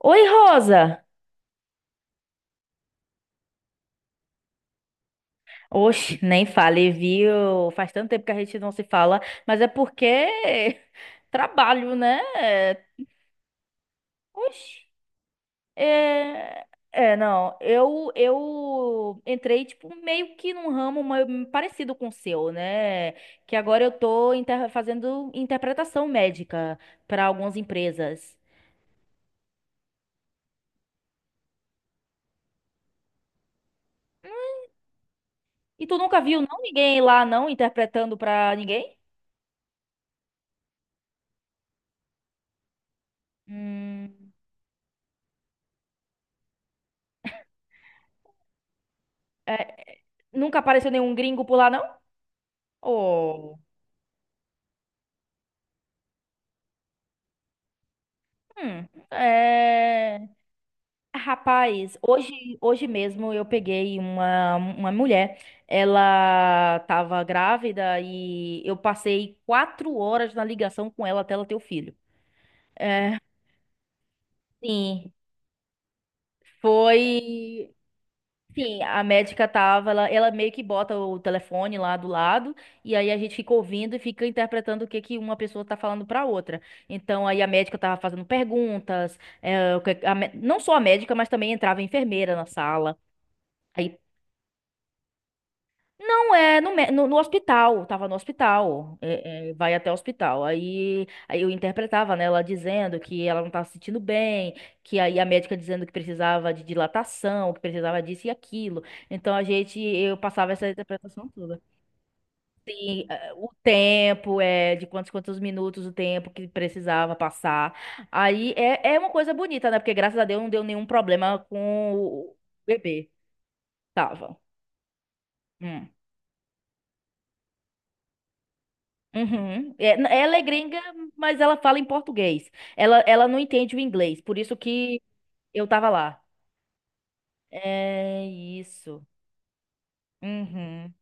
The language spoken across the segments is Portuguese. Oi, Rosa! Oxe, nem fale, viu? Faz tanto tempo que a gente não se fala, mas é porque trabalho, né? Oxe, é... É, não, eu entrei, tipo, meio que num ramo meio parecido com o seu, né? Que agora eu tô fazendo interpretação médica para algumas empresas. E tu nunca viu, não, ninguém lá, não, interpretando pra ninguém? Hum, é, nunca apareceu nenhum gringo por lá, não? Oh, hum. Rapaz, hoje, hoje mesmo eu peguei uma mulher, ela estava grávida e eu passei 4 horas na ligação com ela até ela ter o filho. É, sim, foi. Sim, a médica tava, ela meio que bota o telefone lá do lado, e aí a gente fica ouvindo e fica interpretando o que que uma pessoa tá falando pra outra. Então aí a médica tava fazendo perguntas, eh, o que- a mé- não só a médica, mas também entrava a enfermeira na sala. Aí não é no hospital, tava no hospital, vai até o hospital. Aí, eu interpretava, né, ela dizendo que ela não estava se sentindo bem, que aí a médica dizendo que precisava de dilatação, que precisava disso e aquilo. Então eu passava essa interpretação toda. Sim, o tempo, de quantos minutos o tempo que precisava passar. Aí é uma coisa bonita, né? Porque graças a Deus não deu nenhum problema com o bebê. Tava. Hum. Uhum. É, ela é gringa, mas ela fala em português. Ela não entende o inglês, por isso que eu tava lá. É isso. Uhum.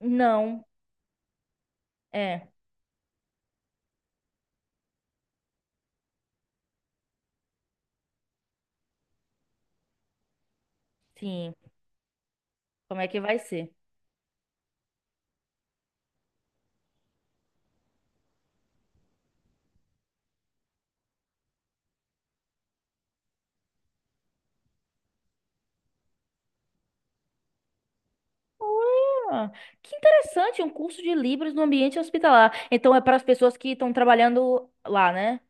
Não, é, sim. Como é que vai ser? Olha, que interessante, um curso de Libras no ambiente hospitalar. Então é para as pessoas que estão trabalhando lá, né?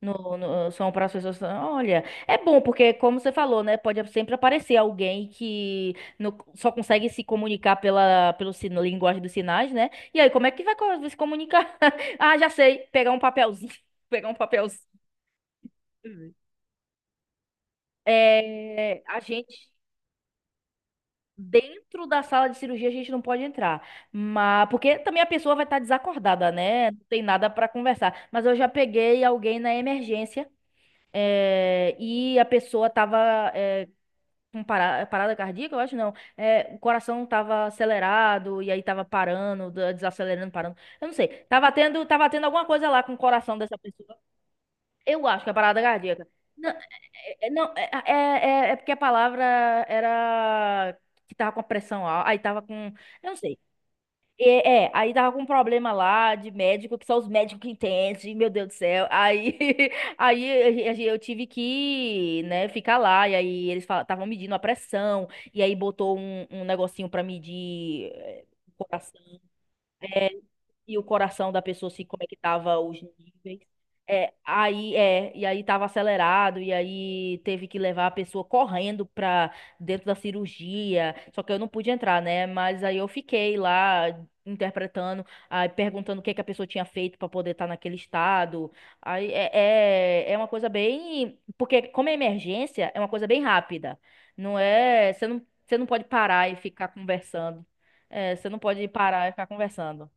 São para as pessoas. Olha, é bom porque, como você falou, né? Pode sempre aparecer alguém que não- só consegue se comunicar pela pelo sino, linguagem dos sinais, né? E aí, como é que vai se comunicar? Ah, já sei. Pegar um papelzinho. Pegar um papelzinho. É, a gente. Dentro da sala de cirurgia a gente não pode entrar, mas porque também a pessoa vai estar desacordada, né? Não tem nada para conversar. Mas eu já peguei alguém na emergência e a pessoa tava com parada cardíaca, eu acho não. O coração tava acelerado e aí tava parando, desacelerando, parando. Eu não sei. Tava tendo alguma coisa lá com o coração dessa pessoa. Eu acho que é parada cardíaca. É, não, porque a palavra era que tava com a pressão alta, aí tava com, eu não sei. Aí tava com um problema lá de médico, que só os médicos que entendem, meu Deus do céu. Aí, eu tive que, né, ficar lá, e aí eles estavam medindo a pressão, e aí botou um negocinho pra medir o coração é, e o coração da pessoa se conectava os níveis. É, aí e aí tava acelerado, e aí teve que levar a pessoa correndo pra dentro da cirurgia. Só que eu não pude entrar, né? Mas aí eu fiquei lá interpretando, aí perguntando o que que a pessoa tinha feito pra poder estar naquele estado. Aí é uma coisa bem, porque como é emergência, é uma coisa bem rápida. Não é, você não pode parar e ficar conversando. É, você não pode parar e ficar conversando.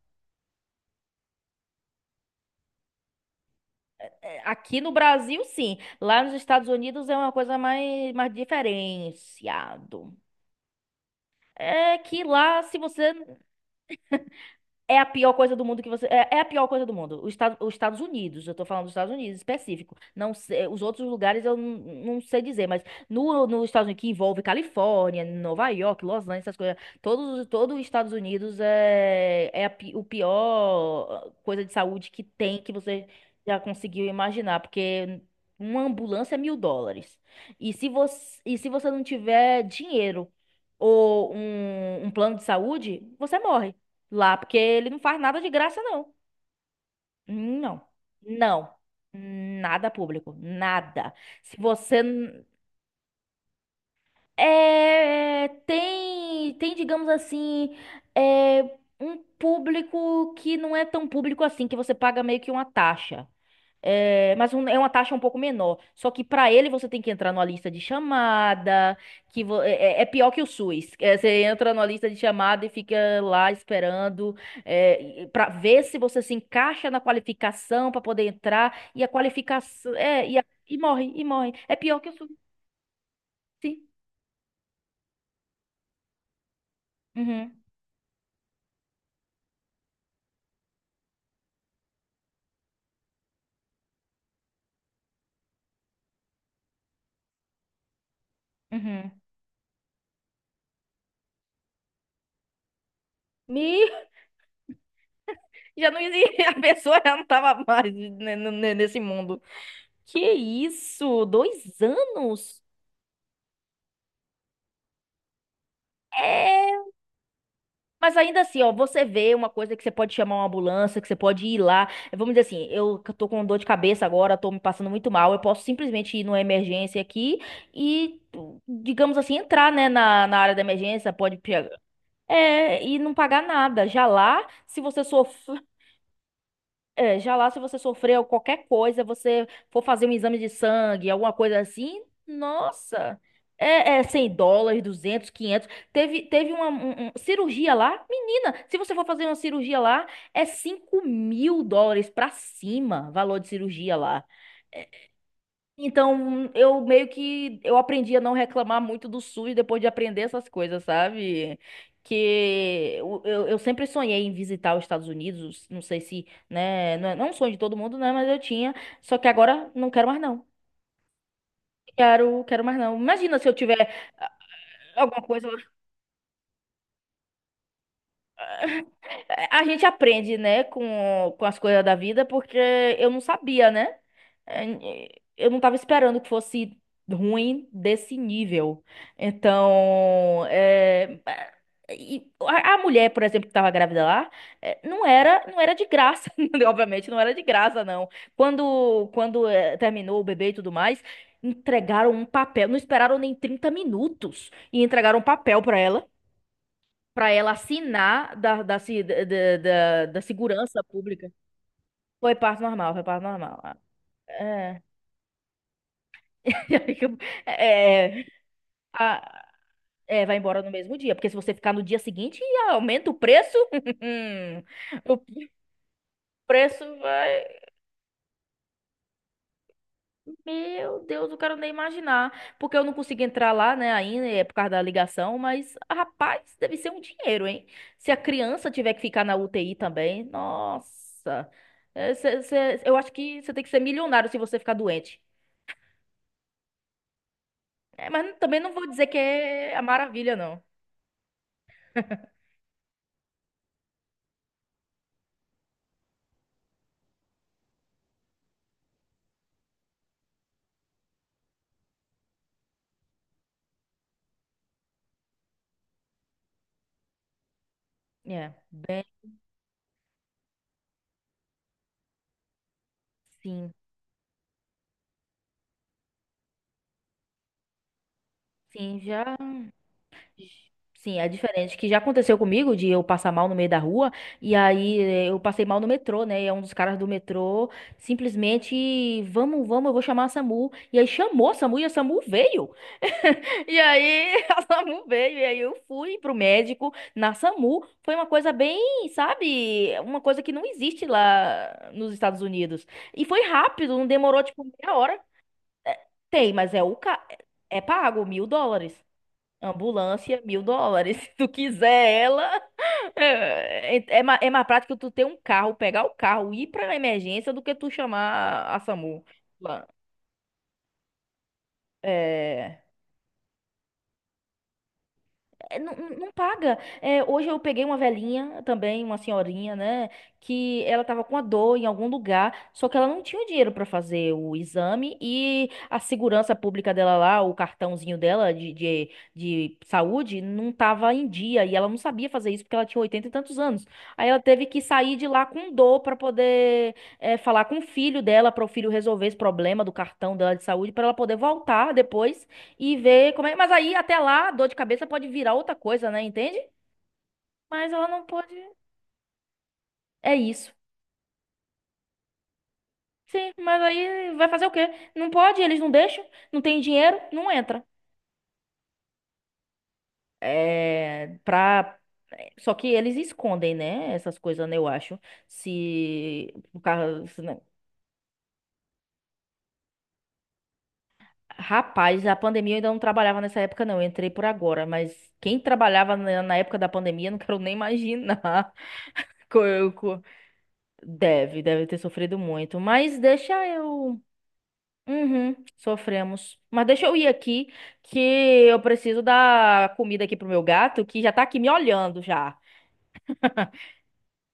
É, aqui no Brasil, sim. Lá nos Estados Unidos é uma coisa mais diferenciado. É que lá, se você é a pior coisa do mundo que você. É, é a pior coisa do mundo. Os Estados Unidos, eu tô falando dos Estados Unidos específico. Não sei- os outros lugares eu não, não sei dizer, mas no, nos Estados Unidos, que envolve Califórnia, Nova York, Los Angeles, essas coisas. Todo os Estados Unidos é o pior coisa de saúde que tem, que você já conseguiu imaginar, porque uma ambulância é US$ 1.000. E se você não tiver dinheiro ou um plano de saúde, você morre. Lá, porque ele não faz nada de graça, não. Não. Não. Nada público. Nada. Se você. É tem, digamos assim, é, um público que não é tão público assim, que você paga meio que uma taxa. É, mas é uma taxa um pouco menor. Só que para ele você tem que entrar numa lista de chamada, que vo- é, é- é pior que o SUS. É, você entra numa lista de chamada e fica lá esperando para ver se você se encaixa na qualificação para poder entrar e a qualificação e morre e morre. É pior que o SUS. Sim. Uhum. Uhum. Me... Já não existia, a pessoa já não estava mais nesse mundo. Que isso? 2 anos? É! Mas ainda assim, ó, você vê uma coisa que você pode chamar uma ambulância, que você pode ir lá. É, vamos dizer assim, tô com dor de cabeça agora, tô me passando muito mal. Eu posso simplesmente ir numa emergência aqui e, digamos assim, entrar, né, na área da emergência, pode pegar. É, e não pagar nada. Já lá, se você sofrer é, já lá se você sofreu qualquer coisa, você for fazer um exame de sangue, alguma coisa assim, nossa, 100 dólares, 200 quinhentos. Teve cirurgia lá, menina, se você for fazer uma cirurgia lá, é US$ 5.000 pra cima, valor de cirurgia lá. Então, eu meio que eu aprendi a não reclamar muito do SUS depois de aprender essas coisas, sabe? Que eu sempre sonhei em visitar os Estados Unidos, não sei se, né, não é um sonho de todo mundo, né, mas eu tinha, só que agora não quero mais não. Quero mais não. Imagina se eu tiver ah, alguma coisa. A gente aprende, né, com as coisas da vida, porque eu não sabia, né? Eh, Eu não tava esperando que fosse ruim desse nível. Então, e a mulher, por exemplo, que tava grávida lá, não era de graça, obviamente, não era de graça, não. Quando terminou o bebê e tudo mais, entregaram um papel, não esperaram nem 30 minutos e entregaram um papel para ela assinar da, da, se- da, da, da- da segurança pública. Foi parto normal, foi parto normal. Ah, é. É, Ah, vai embora no mesmo dia, porque se você ficar no dia seguinte, aumenta o preço. O preço vai. Meu Deus, eu quero nem imaginar. Porque eu não consigo entrar lá, né, ainda, é por causa da ligação, mas, rapaz, deve ser um dinheiro, hein? Se a criança tiver que ficar na UTI também, nossa. É, eu acho que você tem que ser milionário se você ficar doente. É, mas também não vou dizer que é a maravilha, não. É, bem, sim. Sim, já. Sim, é diferente. Que já aconteceu comigo de eu passar mal no meio da rua, e aí eu passei mal no metrô, né? E é um dos caras do metrô simplesmente, vamos, vamos, eu vou chamar a SAMU. E aí chamou a SAMU e a SAMU veio. E aí a SAMU veio, e aí eu fui pro médico na SAMU. Foi uma coisa bem, sabe, uma coisa que não existe lá nos Estados Unidos. E foi rápido, não demorou tipo meia hora. Tem, mas é pago, US$ 1.000. Ambulância, US$ 1.000. Se tu quiser ela, é mais prático tu ter um carro, pegar o carro, ir pra emergência do que tu chamar a SAMU lá. É. É, não paga. É, hoje eu peguei uma velhinha também, uma senhorinha, né? Que ela tava com a dor em algum lugar, só que ela não tinha o dinheiro pra fazer o exame e a segurança pública dela lá, o cartãozinho dela de saúde, não tava em dia e ela não sabia fazer isso porque ela tinha 80 e tantos anos. Aí ela teve que sair de lá com dor pra poder falar com o filho dela, para o filho resolver esse problema do cartão dela de saúde, pra ela poder voltar depois e ver como é. Mas aí, até lá, dor de cabeça pode virar outra coisa, né? Entende? Mas ela não pode. É isso. Sim, mas aí vai fazer o quê? Não pode, eles não deixam, não tem dinheiro, não entra. É, pra... Só que eles escondem, né? Essas coisas, né? Eu acho. Se o carro. Se não- Rapaz, a pandemia eu ainda não trabalhava nessa época, não. Eu entrei por agora, mas quem trabalhava na época da pandemia, não quero nem imaginar. Co- eu- co- Deve ter sofrido muito. Mas deixa eu. Uhum, sofremos. Mas deixa eu ir aqui, que eu preciso dar comida aqui pro meu gato, que já tá aqui me olhando já.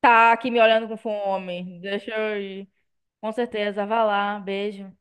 Tá aqui me olhando com fome. Deixa eu ir. Com certeza, vai lá. Beijo.